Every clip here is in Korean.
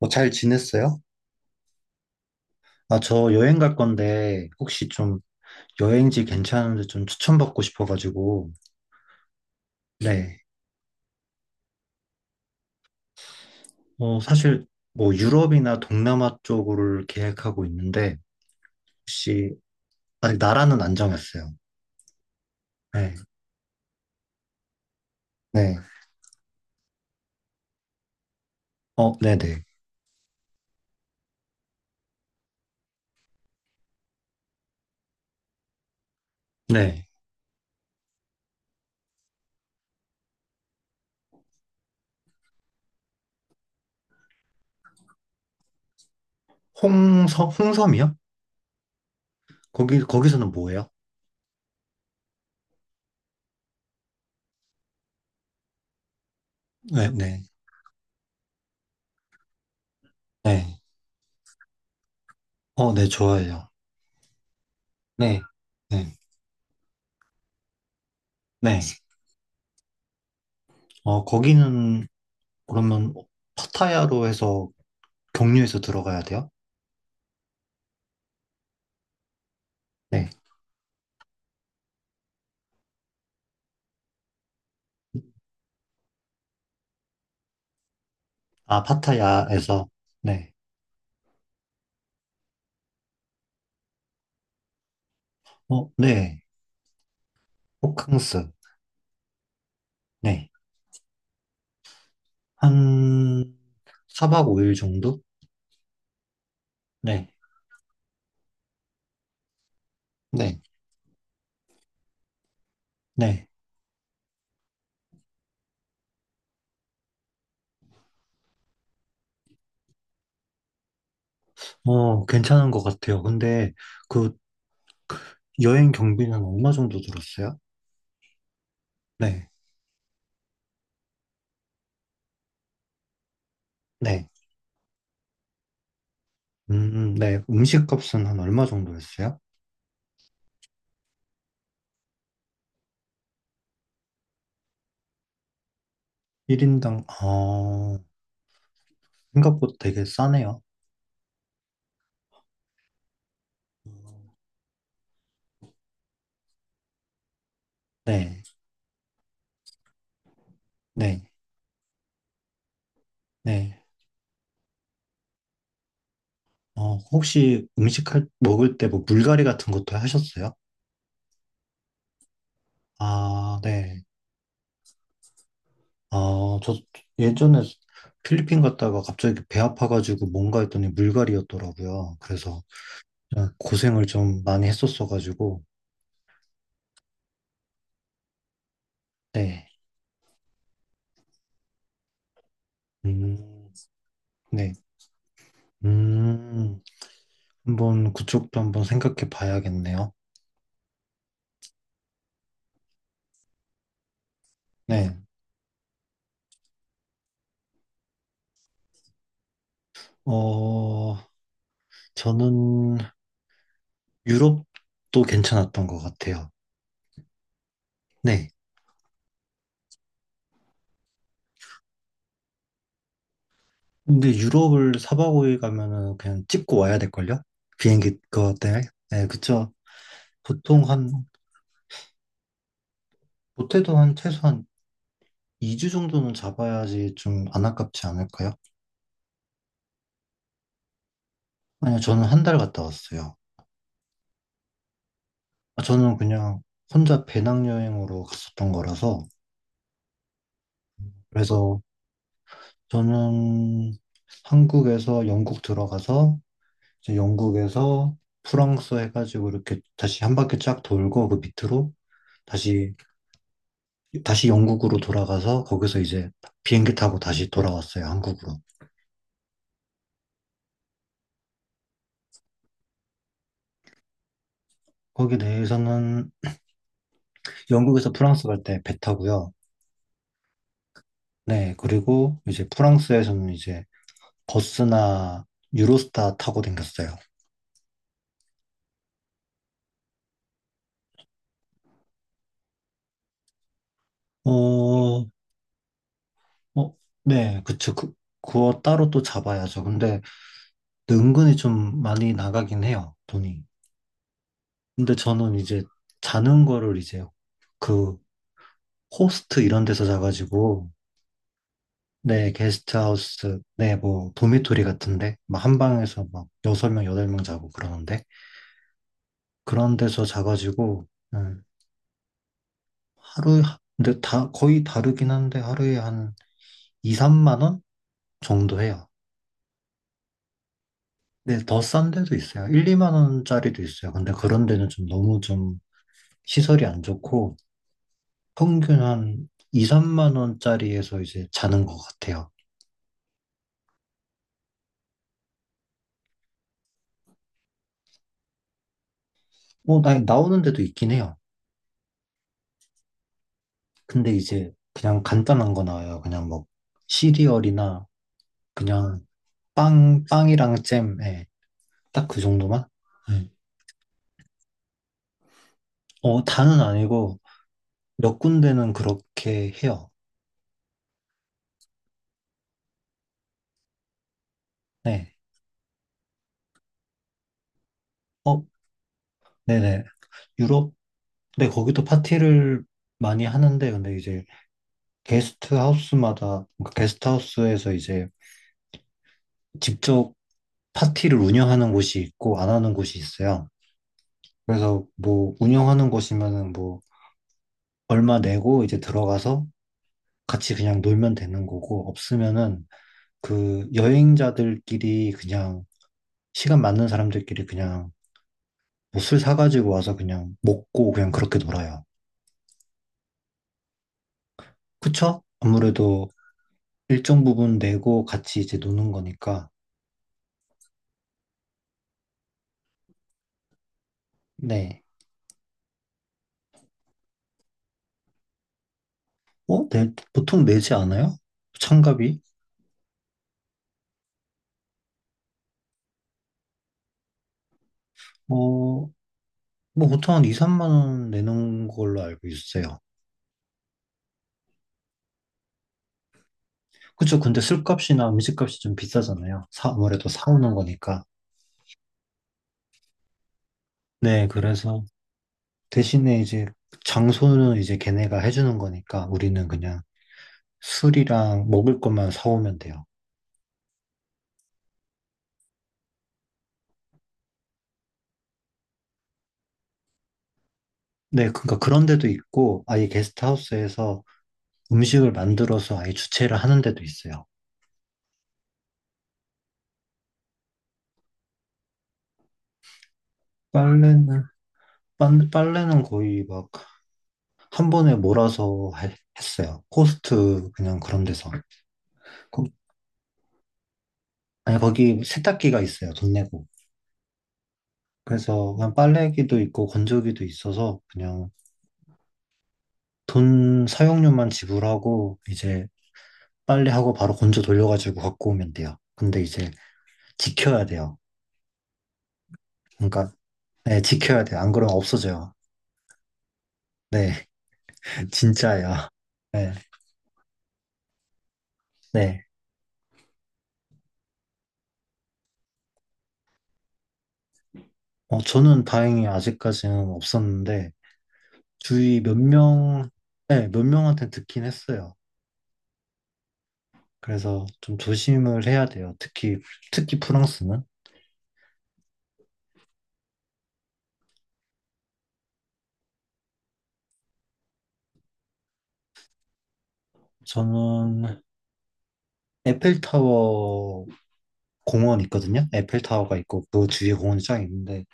잘 지냈어요? 아, 저 여행 갈 건데, 혹시 좀 여행지 괜찮은데 좀 추천받고 싶어가지고. 네. 사실 뭐 유럽이나 동남아 쪽으로 계획하고 있는데, 혹시, 아직 나라는 안 정했어요. 네. 네. 네네. 네. 홍섬, 홍섬이요? 거기서는 뭐예요? 네, 네. 네. 네, 좋아해요. 네. 네. 네. 거기는 그러면 파타야로 해서 경유해서 들어가야 돼요? 네. 아, 파타야에서. 네. 네. 호캉스. 네. 한, 4박 5일 정도? 네. 네. 네. 괜찮은 것 같아요. 근데, 그, 여행 경비는 얼마 정도 들었어요? 네. 네. 음, 네. 음식 값은 한 얼마 정도 했어요? 1인당, 생각보다 되게 싸네요. 네. 네. 네. 혹시 먹을 때 뭐 물갈이 같은 것도 하셨어요? 아, 네. 아, 저 예전에 필리핀 갔다가 갑자기 배 아파가지고 뭔가 했더니 물갈이였더라고요. 그래서 그냥 고생을 좀 많이 했었어가지고. 네. 음, 네. 음, 한번 그쪽도 한번 생각해 봐야겠네요. 네. 어, 저는 유럽도 괜찮았던 것 같아요. 네. 근데 유럽을 사 박 오 일 가면은 그냥 찍고 와야 될걸요? 비행기 그거 때문에? 네, 그쵸. 보통 한, 못해도 한 최소한 2주 정도는 잡아야지 좀 안 아깝지 않을까요? 아니요, 저는 한 달 갔다 왔어요. 아, 저는 그냥 혼자 배낭여행으로 갔었던 거라서, 그래서 저는 한국에서 영국 들어가서, 이제 영국에서 프랑스 해가지고 이렇게 다시 한 바퀴 쫙 돌고 그 밑으로 다시, 다시 영국으로 돌아가서 거기서 이제 비행기 타고 다시 돌아왔어요, 한국으로. 거기 내에서는 영국에서 프랑스 갈 때 배 타고요. 네, 그리고 이제 프랑스에서는 이제 버스나 유로스타 타고 댕겼어요. 어, 어, 네, 그쵸. 그, 그거 따로 또 잡아야죠. 근데 은근히 좀 많이 나가긴 해요, 돈이. 근데 저는 이제 자는 거를 이제 그 호스트 이런 데서 자가지고, 네, 게스트하우스, 네, 뭐, 도미토리 같은데, 막 한 방에서 막 여섯 명 여덟 명 자고 그러는데, 그런 데서 자가지고. 네, 하루에, 근데 다, 거의 다르긴 한데 하루에 한 2, 3만 원 정도 해요. 근데 더 싼 데도 있어요. 1, 2만 원짜리도 있어요. 근데 그런 데는 좀 너무 좀 시설이 안 좋고 평균 한 2, 3만 원짜리에서 이제 자는 것 같아요. 뭐, 나오는 데도 있긴 해요. 근데 이제 그냥 간단한 거 나와요. 그냥 뭐 시리얼이나 그냥 빵이랑 잼, 예. 딱 그 정도만? 예. 다는 아니고 몇 군데는 그렇게 해요. 네. 어, 네네. 유럽, 근데 거기도 파티를 많이 하는데, 근데 이제 게스트 하우스마다, 그러니까 게스트 하우스에서 이제 직접 파티를 운영하는 곳이 있고, 안 하는 곳이 있어요. 그래서 뭐, 운영하는 곳이면은 뭐, 얼마 내고 이제 들어가서 같이 그냥 놀면 되는 거고, 없으면은 그 여행자들끼리 그냥, 시간 맞는 사람들끼리 그냥 뭐술 사가지고 와서 그냥 먹고 그냥 그렇게 놀아요. 그쵸? 아무래도 일정 부분 내고 같이 이제 노는 거니까. 네. 네. 보통 내지 않아요? 참가비? 뭐 보통 한 2, 3만 원 내는 걸로 알고 있어요. 그쵸. 근데 술값이나 음식값이 좀 비싸잖아요. 아무래도 사오는 거니까. 네. 그래서 대신에 이제 장소는 이제 걔네가 해주는 거니까 우리는 그냥 술이랑 먹을 것만 사오면 돼요. 네. 그러니까 그런 데도 있고 아예 게스트하우스에서 음식을 만들어서 아예 주최를 하는 데도 있어요. 빨래는 빨래는 거의 막 한 번에 몰아서 했어요. 코스트 그냥 그런 데서. 거, 아니 거기 세탁기가 있어요. 돈 내고. 그래서 그냥 빨래기도 있고 건조기도 있어서 그냥 돈 사용료만 지불하고 이제 빨래하고 바로 건조 돌려가지고 갖고 오면 돼요. 근데 이제 지켜야 돼요. 그러니까 네, 지켜야 돼요. 안 그러면 없어져요. 네, 진짜예요. 네, 네. 저는 다행히 아직까지는 없었는데 주위 몇 명, 네, 몇 명한테 듣긴 했어요. 그래서 좀 조심을 해야 돼요. 특히, 특히 프랑스는. 저는 에펠타워 공원 있거든요. 에펠타워가 있고 그 주위에 공원이 쫙 있는데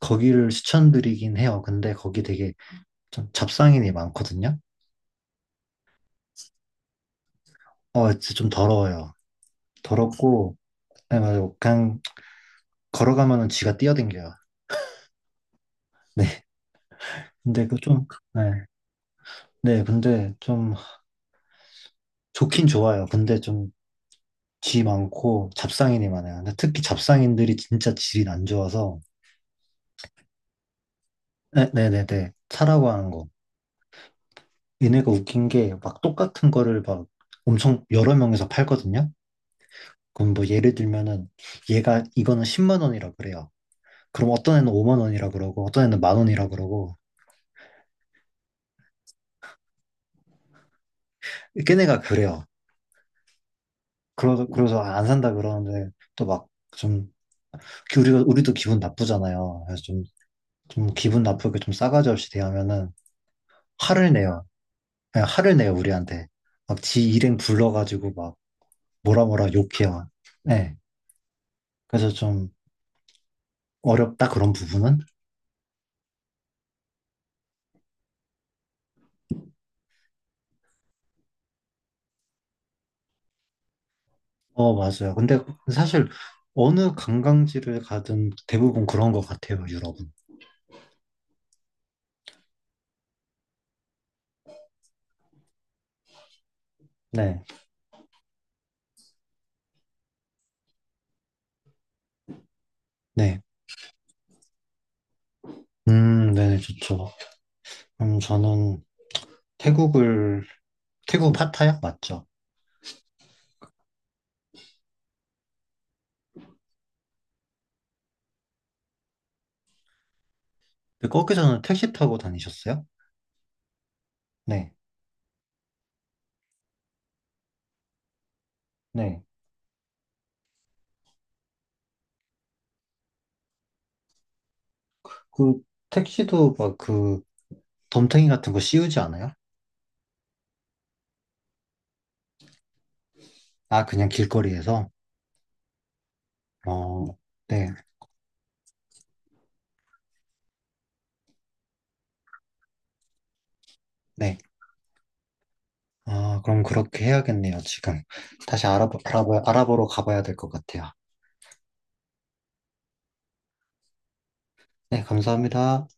거기를 추천드리긴 해요. 근데 거기 되게 좀 잡상인이 많거든요. 진짜 좀 더러워요. 더럽고, 네, 맞아요. 그냥 걸어가면은 쥐가 뛰어댕겨요. 네. 근데 그 좀, 네. 네, 근데 좀 좋긴 좋아요. 근데 좀 쥐 많고 잡상인이 많아요. 근데 특히 잡상인들이 진짜 질이 안 좋아서 네, 네네네 차라고 하는 거. 얘네가 웃긴 게 막 똑같은 거를 막 엄청 여러 명에서 팔거든요. 그럼 뭐 예를 들면은 얘가 이거는 10만 원이라 그래요. 그럼 어떤 애는 5만 원이라 그러고 어떤 애는 만 원이라 그러고 걔네가 그래요. 그래서 안 산다 그러는데 또 막 좀 우리가 우리도 기분 나쁘잖아요. 그래서 좀, 좀 기분 나쁘게 좀 싸가지 없이 대하면은 화를 내요. 그냥 화를 내요, 우리한테. 막 지 일행 불러가지고 막 뭐라 뭐라 욕해요. 네. 그래서 좀 어렵다, 그런 부분은? 맞아요. 근데 사실 어느 관광지를 가든 대부분 그런 것 같아요, 유럽은. 네. 네. 네네, 좋죠. 저는 태국을, 태국 파타야? 맞죠. 근데 거기서는 택시 타고 다니셨어요? 네. 네. 그 택시도 막 그 덤탱이 같은 거 씌우지 않아요? 아, 그냥 길거리에서? 어, 네. 네. 아, 그럼 그렇게 해야겠네요, 지금. 다시 알아보러 가봐야 될 것 같아요. 네, 감사합니다.